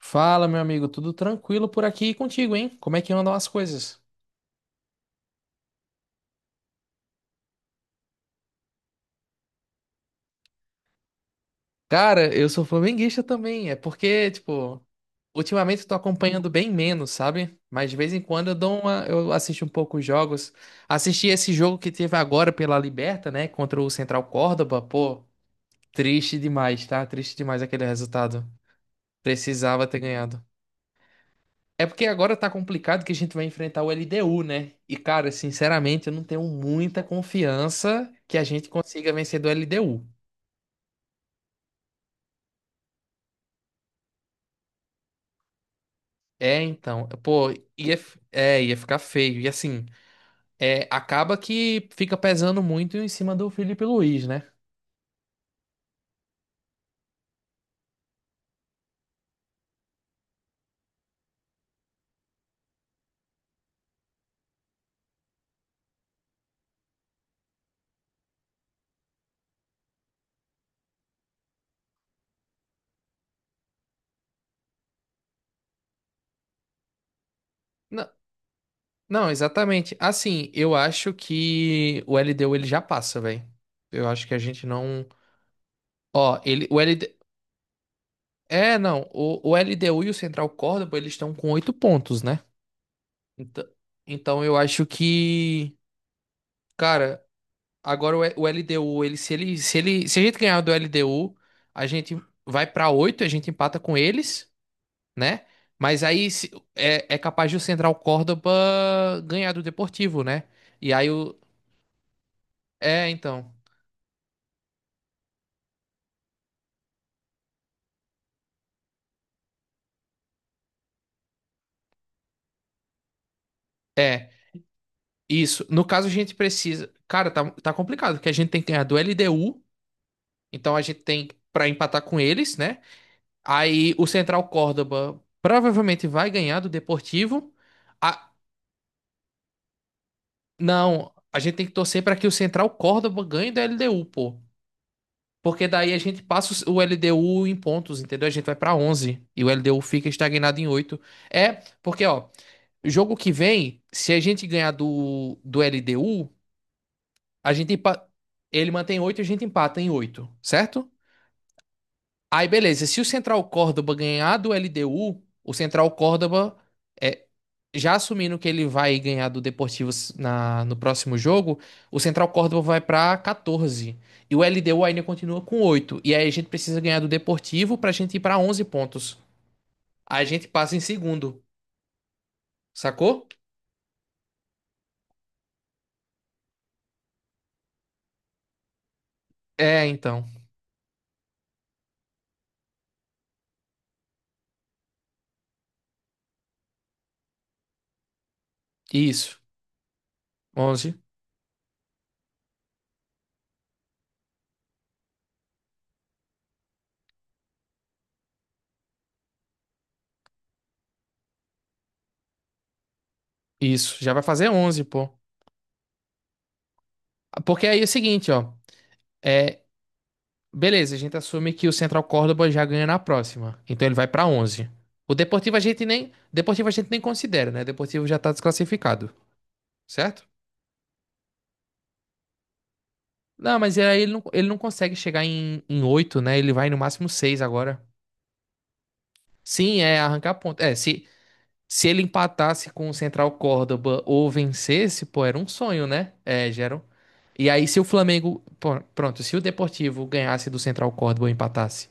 Fala, meu amigo, tudo tranquilo por aqui e contigo, hein? Como é que andam as coisas? Cara, eu sou flamenguista também. É porque, tipo, ultimamente eu tô acompanhando bem menos, sabe? Mas de vez em quando eu assisto um pouco os jogos. Assisti esse jogo que teve agora pela Liberta, né? Contra o Central Córdoba. Pô, triste demais, tá? Triste demais aquele resultado. Precisava ter ganhado. É porque agora tá complicado que a gente vai enfrentar o LDU, né? E, cara, sinceramente, eu não tenho muita confiança que a gente consiga vencer do LDU. É, então, pô, ia ficar feio. E assim, acaba que fica pesando muito em cima do Felipe Luiz, né? Não, não, exatamente. Assim, eu acho que o LDU ele já passa, velho. Eu acho que a gente não. Ó, o LD... É, não, o LDU e o Central Córdoba, eles estão com 8 pontos, né? Então, então, eu acho que, cara, agora o LDU, ele se a gente ganhar do LDU, a gente vai pra 8, a gente empata com eles, né? Mas aí é capaz de o Central Córdoba ganhar do Deportivo, né? E aí o é, então, é, isso. No caso a gente precisa, cara, tá complicado, porque a gente tem que ganhar do LDU, então a gente tem pra empatar com eles, né? Aí o Central Córdoba provavelmente vai ganhar do Deportivo. Ah, não, a gente tem que torcer para que o Central Córdoba ganhe da LDU, pô. Porque daí a gente passa o LDU em pontos, entendeu? A gente vai para 11 e o LDU fica estagnado em 8. É, porque ó, jogo que vem, se a gente ganhar do LDU, a gente empa- ele mantém 8 e a gente empata em 8, certo? Aí beleza, se o Central Córdoba ganhar do LDU, o Central Córdoba é já assumindo que ele vai ganhar do Deportivo no próximo jogo, o Central Córdoba vai pra 14. E o LDU ainda continua com 8. E aí a gente precisa ganhar do Deportivo pra gente ir pra 11 pontos. Aí a gente passa em segundo, sacou? É, então. Isso. 11. Isso. Já vai fazer 11, pô. Porque aí é o seguinte, ó. É, beleza, a gente assume que o Central Córdoba já ganha na próxima. Então ele vai pra 11. O Deportivo a gente nem, Deportivo a gente nem considera, né? O Deportivo já tá desclassificado, certo? Não, mas aí ele não consegue chegar em 8, né? Ele vai no máximo 6 agora. Sim, é arrancar ponto. É, se ele empatasse com o Central Córdoba ou vencesse, pô, era um sonho, né? É, Geron. E aí, se o Flamengo. Pô, Pronto, se o Deportivo ganhasse do Central Córdoba ou empatasse,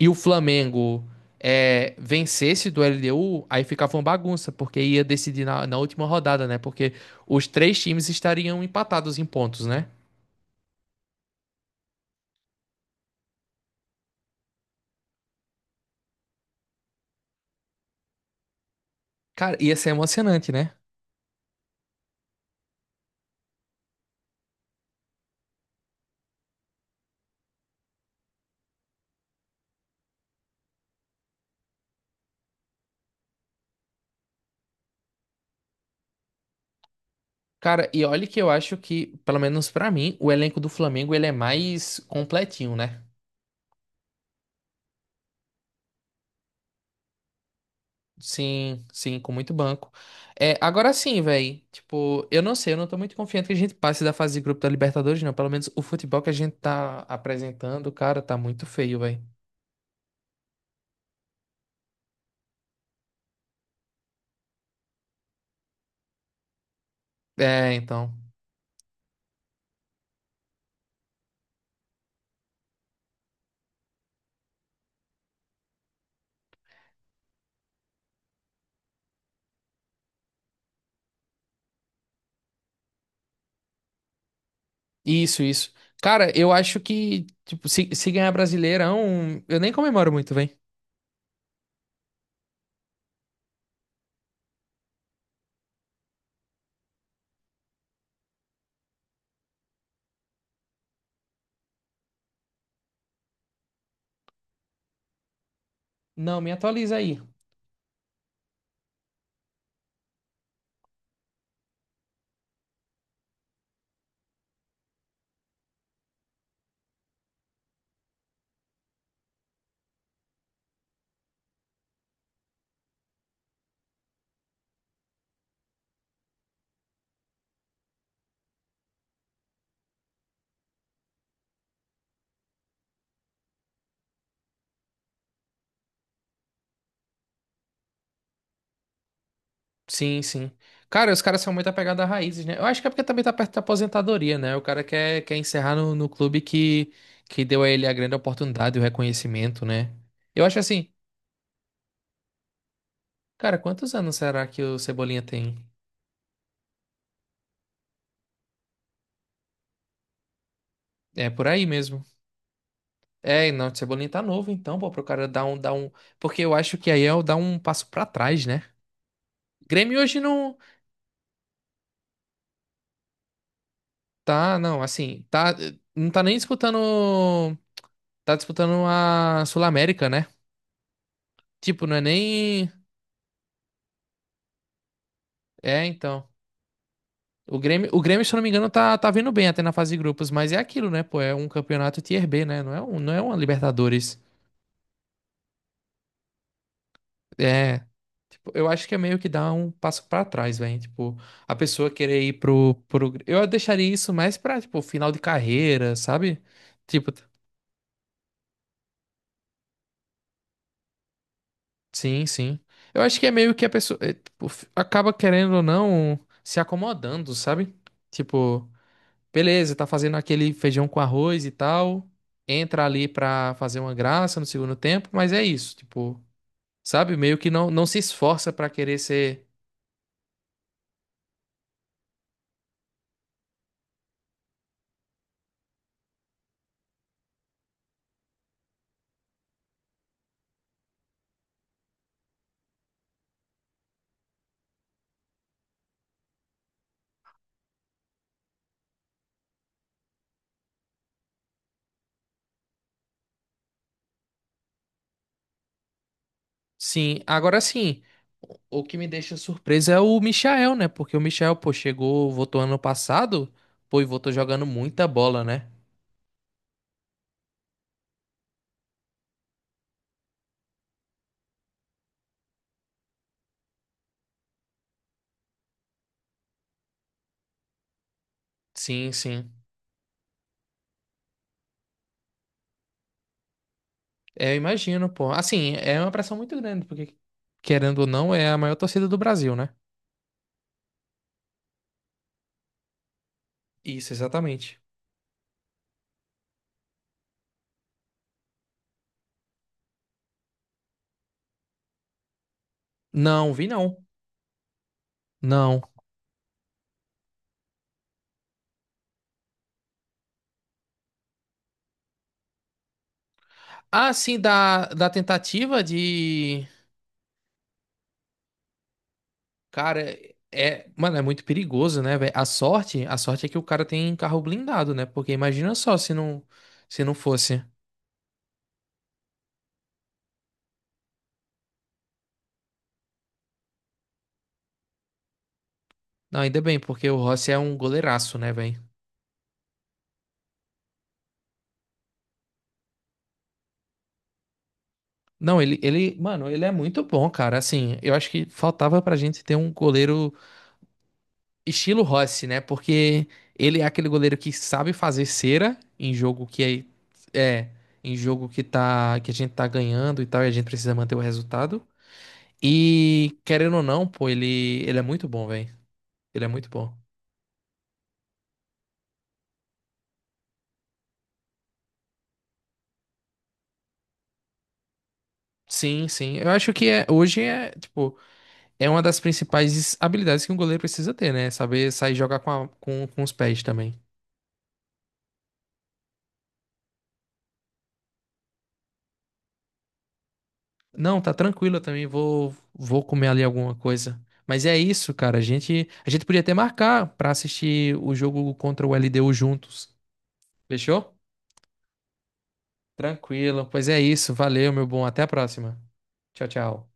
e o Flamengo vencesse do LDU, aí ficava uma bagunça, porque ia decidir na última rodada, né? Porque os três times estariam empatados em pontos, né? Cara, ia ser emocionante, né? Cara, e olha que eu acho que, pelo menos pra mim, o elenco do Flamengo ele é mais completinho, né? Sim, sim, com muito banco. É, agora sim, velho. Tipo, eu não sei, eu não tô muito confiante que a gente passe da fase de grupo da Libertadores, não. Pelo menos o futebol que a gente tá apresentando, cara, tá muito feio, velho. É, então. Isso, isso. Cara, eu acho que, tipo, se ganhar Brasileirão, eu nem comemoro muito, velho. Não, me atualiza aí. Sim, sim. Cara, os caras são muito apegados a raízes, né? Eu acho que é porque também tá perto da aposentadoria, né? O cara quer encerrar no clube que deu a ele a grande oportunidade e o reconhecimento, né? Eu acho assim, cara, quantos anos será que o Cebolinha tem? É por aí mesmo. É, e não, o Cebolinha tá novo, então, pô, pro cara dar um. Porque eu acho que aí é o dar um passo pra trás, né? Grêmio hoje não. Tá, não, assim, tá. Não tá nem disputando. Tá disputando a Sul-América, né? Tipo, não é nem. É, então. O Grêmio, se eu não me engano, tá vindo bem até na fase de grupos, mas é aquilo, né, pô? É um campeonato Tier B, né? Não é uma Libertadores. É. Tipo, eu acho que é meio que dar um passo pra trás, velho. Tipo, a pessoa querer ir pro, pro. Eu deixaria isso mais pra, tipo, final de carreira, sabe? Tipo, sim, sim. Eu acho que é meio que a pessoa é, tipo, acaba querendo ou não se acomodando, sabe? Tipo. Beleza, tá fazendo aquele feijão com arroz e tal. Entra ali pra fazer uma graça no segundo tempo, mas é isso, tipo, sabe? Meio que não se esforça pra querer ser. Sim, agora sim. O que me deixa surpreso é o Michael, né? Porque o Michael, pô, chegou, votou ano passado, pô, e votou jogando muita bola, né? Sim, sim. É, eu imagino, pô. Assim, é uma pressão muito grande, porque, querendo ou não, é a maior torcida do Brasil, né? Isso, exatamente. Não, vi não. Não. Ah, sim, da tentativa de. Cara, é. Mano, é muito perigoso, né, velho? A sorte é que o cara tem carro blindado, né? Porque imagina só se não fosse. Não, ainda bem, porque o Rossi é um goleiraço, né, velho? Não, mano, ele é muito bom, cara. Assim, eu acho que faltava pra gente ter um goleiro estilo Rossi, né? Porque ele é aquele goleiro que sabe fazer cera em jogo que é, é em jogo que a gente tá ganhando e tal, e a gente precisa manter o resultado. E querendo ou não, pô, ele é muito bom, velho. Ele é muito bom. Sim, sim. Eu acho que hoje é uma das principais habilidades que um goleiro precisa ter, né? Saber sair e jogar com os pés também. Não, tá tranquilo, eu também vou comer ali alguma coisa. Mas é isso, cara. A gente podia até marcar pra assistir o jogo contra o LDU juntos. Fechou? Tranquilo. Pois é isso. Valeu, meu bom. Até a próxima. Tchau, tchau.